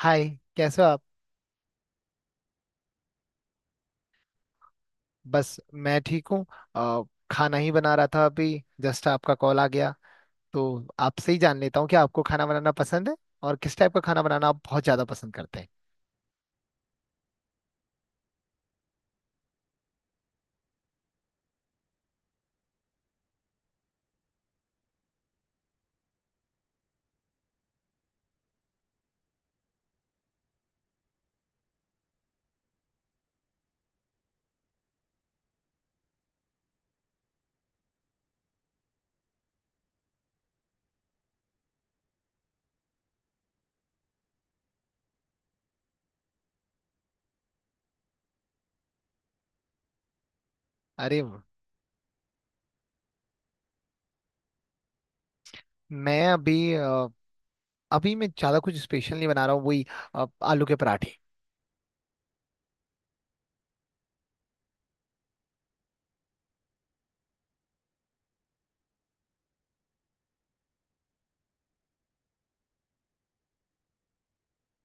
हाय। कैसे हो आप? बस मैं ठीक हूँ। अ, खाना ही बना रहा था अभी। जस्ट आपका कॉल आ गया। तो आपसे ही जान लेता हूँ कि आपको खाना बनाना पसंद है, और किस टाइप का खाना बनाना आप बहुत ज़्यादा पसंद करते हैं? अरे वाह! मैं अभी अभी मैं ज़्यादा कुछ स्पेशल नहीं बना रहा हूँ, वही आलू के पराठे।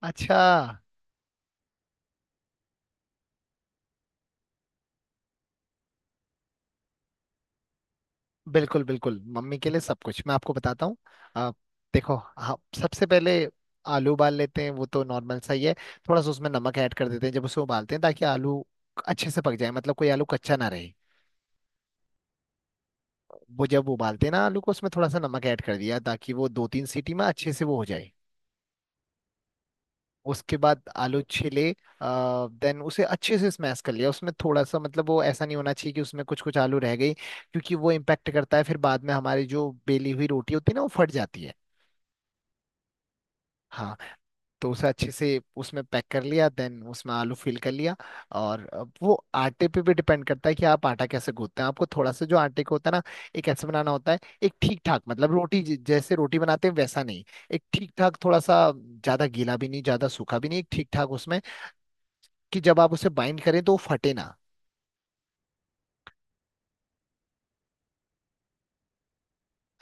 अच्छा। बिल्कुल बिल्कुल, मम्मी के लिए सब कुछ मैं आपको बताता हूँ। आप देखो, आप सबसे पहले आलू उबाल लेते हैं, वो तो नॉर्मल सा ही है। थोड़ा सा उसमें नमक ऐड कर देते हैं जब उसे उबालते हैं, ताकि आलू अच्छे से पक जाए, मतलब कोई आलू कच्चा ना रहे। वो जब उबालते हैं ना आलू को, उसमें थोड़ा सा नमक ऐड कर दिया ताकि वो दो तीन सीटी में अच्छे से वो हो जाए। उसके बाद आलू छिले। देन उसे अच्छे से स्मैश कर लिया, उसमें थोड़ा सा, मतलब वो ऐसा नहीं होना चाहिए कि उसमें कुछ कुछ आलू रह गई, क्योंकि वो इम्पैक्ट करता है फिर बाद में, हमारी जो बेली हुई रोटी होती है ना वो फट जाती है। हाँ। तो उसे अच्छे से उसमें पैक कर लिया, देन उसमें आलू फिल कर लिया। और अब वो आटे पे भी डिपेंड करता है कि आप आटा कैसे गूंथते हैं। आपको थोड़ा सा, जो आटे को होता है ना, एक ऐसे बनाना होता है, एक ठीक ठाक, मतलब रोटी जैसे रोटी बनाते हैं वैसा नहीं। एक ठीक ठाक, थोड़ा सा ज्यादा गीला भी नहीं, ज्यादा सूखा भी नहीं, एक ठीक ठाक उसमें, कि जब आप उसे बाइंड करें तो वो फटे ना।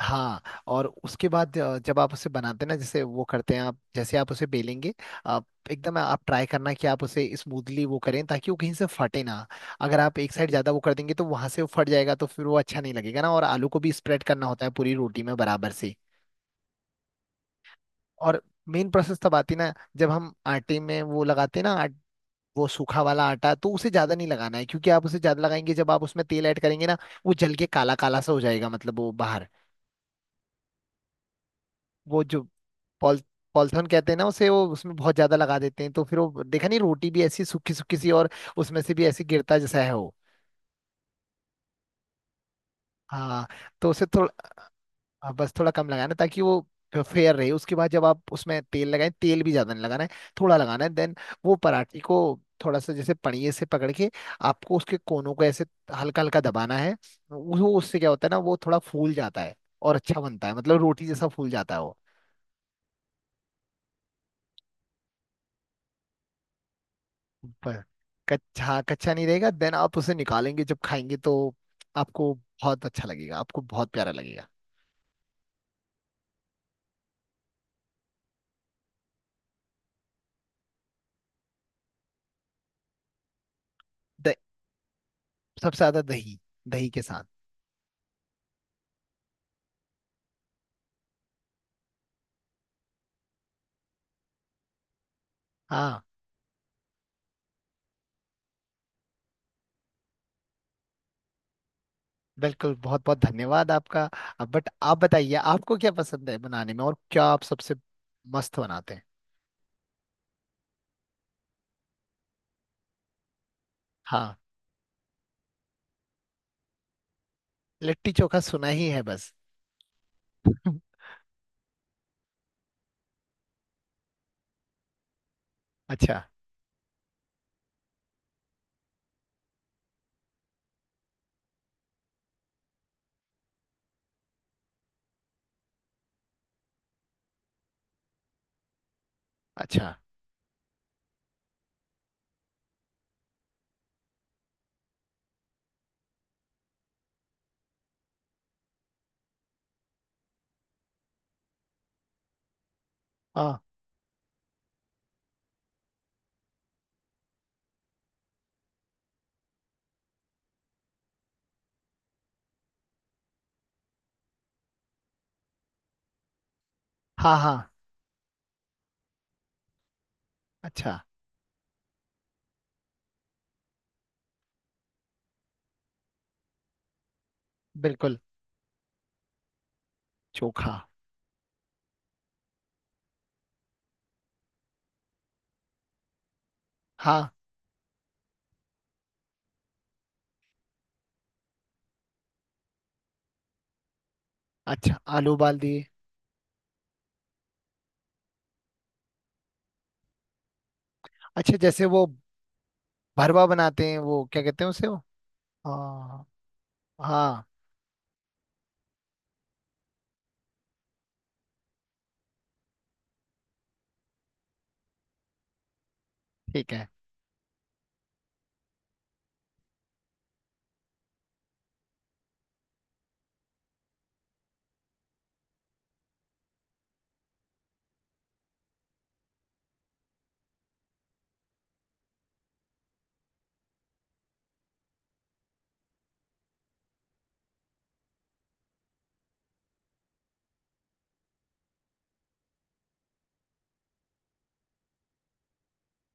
हाँ। और उसके बाद जब आप उसे बनाते हैं ना, जैसे वो करते हैं, आप जैसे आप उसे बेलेंगे, आप एकदम, आप ट्राई करना कि आप उसे स्मूथली वो करें, ताकि वो कहीं से फटे ना। अगर आप एक साइड ज्यादा वो कर देंगे तो वहां से वो फट जाएगा, तो फिर वो अच्छा नहीं लगेगा ना। और आलू को भी स्प्रेड करना होता है पूरी रोटी में बराबर से। और मेन प्रोसेस तब आती है ना, जब हम आटे में वो लगाते हैं ना, वो सूखा वाला आटा, तो उसे ज्यादा नहीं लगाना है, क्योंकि आप उसे ज्यादा लगाएंगे जब आप उसमें तेल ऐड करेंगे ना, वो जल के काला काला सा हो जाएगा, मतलब वो बाहर, वो जो पॉल पॉलिथीन कहते हैं ना उसे, वो उसमें बहुत ज्यादा लगा देते हैं तो फिर वो देखा नहीं, रोटी भी ऐसी सूखी सूखी सी, और उसमें से भी ऐसी गिरता जैसा है वो। हाँ। तो उसे थोड़ा, हाँ, बस थोड़ा कम लगाना ताकि वो फेयर रहे। उसके बाद जब आप उसमें तेल लगाएं, तेल भी ज्यादा नहीं लगाना है, थोड़ा लगाना है। देन वो पराठे को थोड़ा सा, जैसे पनिये से पकड़ के, आपको उसके कोनों को ऐसे हल्का हल्का दबाना है। वो उससे क्या होता है ना, वो थोड़ा फूल जाता है और अच्छा बनता है, मतलब रोटी जैसा फूल जाता है वो। पर कच्चा कच्चा नहीं रहेगा। देन आप उसे निकालेंगे, जब खाएंगे तो आपको बहुत अच्छा लगेगा, आपको बहुत प्यारा लगेगा। द- सबसे ज्यादा दही, दही के साथ। हाँ, बिल्कुल। बहुत बहुत धन्यवाद आपका। अब बट आप बताइए, आपको क्या पसंद है बनाने में, और क्या आप सबसे मस्त बनाते हैं? हाँ, लिट्टी चोखा सुना ही है बस। अच्छा। अच्छा। हाँ हाँ हाँ। अच्छा। बिल्कुल। चोखा। हाँ। अच्छा, आलू उबाल दिए। अच्छा, जैसे वो भरवा बनाते हैं, वो क्या कहते हैं उसे, वो। हाँ हाँ। ठीक है।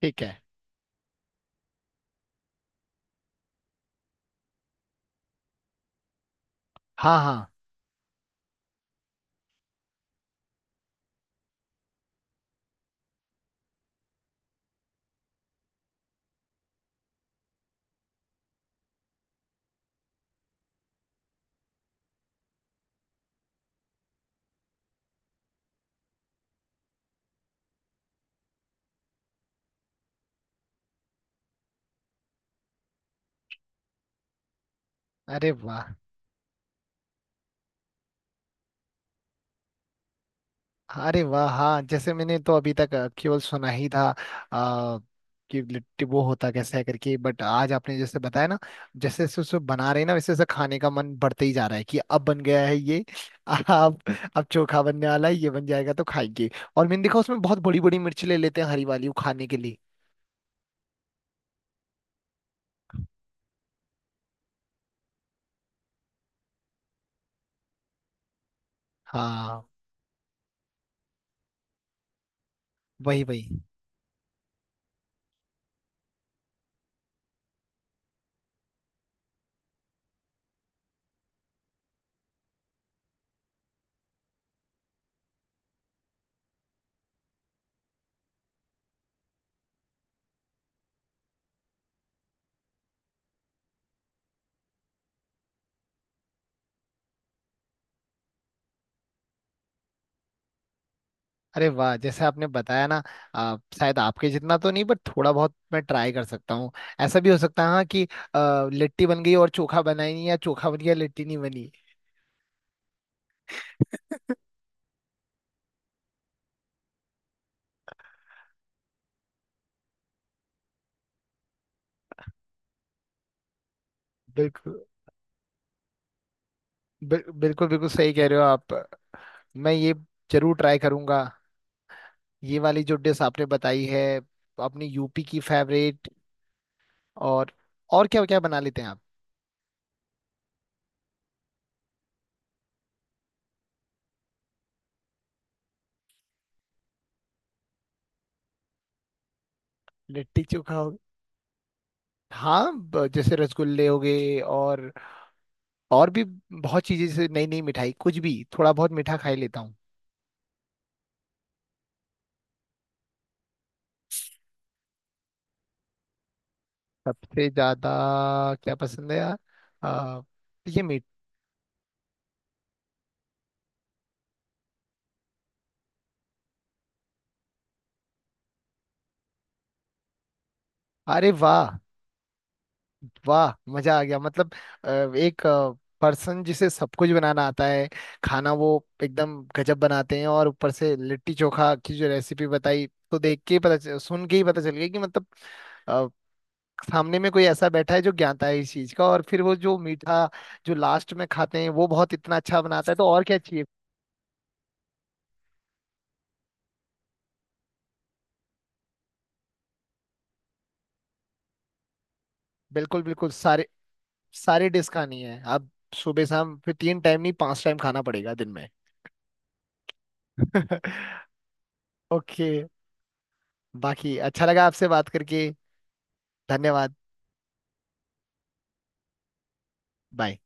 ठीक है। हाँ हाँ। अरे वाह! अरे वाह! हाँ, जैसे मैंने तो अभी तक केवल सुना ही था आ, कि लिट्टी वो होता कैसे है करके, बट आज आपने जैसे बताया ना, जैसे जैसे उसको बना रहे हैं ना, वैसे वैसे खाने का मन बढ़ते ही जा रहा है कि अब बन गया है ये। अब अब चोखा बनने वाला है, ये बन जाएगा तो खाएंगे। और मैंने देखा उसमें बहुत बड़ी बड़ी मिर्च ले लेते हैं, हरी वाली, वो खाने के लिए। हाँ, वही वही। अरे वाह! जैसे आपने बताया ना, आप शायद आपके जितना तो नहीं, बट थोड़ा बहुत मैं ट्राई कर सकता हूँ। ऐसा भी हो सकता है, हाँ, कि लिट्टी बन गई और चोखा बना ही नहीं, या चोखा बन गया लिट्टी नहीं बनी। बिल्कुल। बिल्कुल बिल्कुल सही कह रहे हो आप। मैं ये जरूर ट्राई करूंगा, ये वाली जो डिश आपने बताई है, अपनी यूपी की फेवरेट। और क्या क्या बना लेते हैं आप? लिट्टी चोखा हो, हाँ। जैसे रसगुल्ले हो गए, और भी बहुत चीजें, जैसे नई नई मिठाई, कुछ भी थोड़ा बहुत मीठा खा ही लेता हूँ। सबसे ज्यादा क्या पसंद है यार? आ, ये मीट। अरे वाह! वाह, मजा आ गया, मतलब अ, एक पर्सन जिसे सब कुछ बनाना आता है, खाना वो एकदम गजब बनाते हैं। और ऊपर से लिट्टी चोखा की जो रेसिपी बताई, तो देख के ही पता चल, सुन के ही पता चल गया कि मतलब अ, सामने में कोई ऐसा बैठा है जो ज्ञाता है इस चीज का। और फिर वो जो मीठा, जो लास्ट में खाते हैं, वो बहुत इतना अच्छा बनाता है, तो और क्या चाहिए? बिल्कुल बिल्कुल। सारे सारी डिश खानी है आप, सुबह शाम, फिर तीन टाइम नहीं पांच टाइम खाना पड़ेगा दिन में। ओके। बाकी अच्छा लगा आपसे बात करके। धन्यवाद। बाय।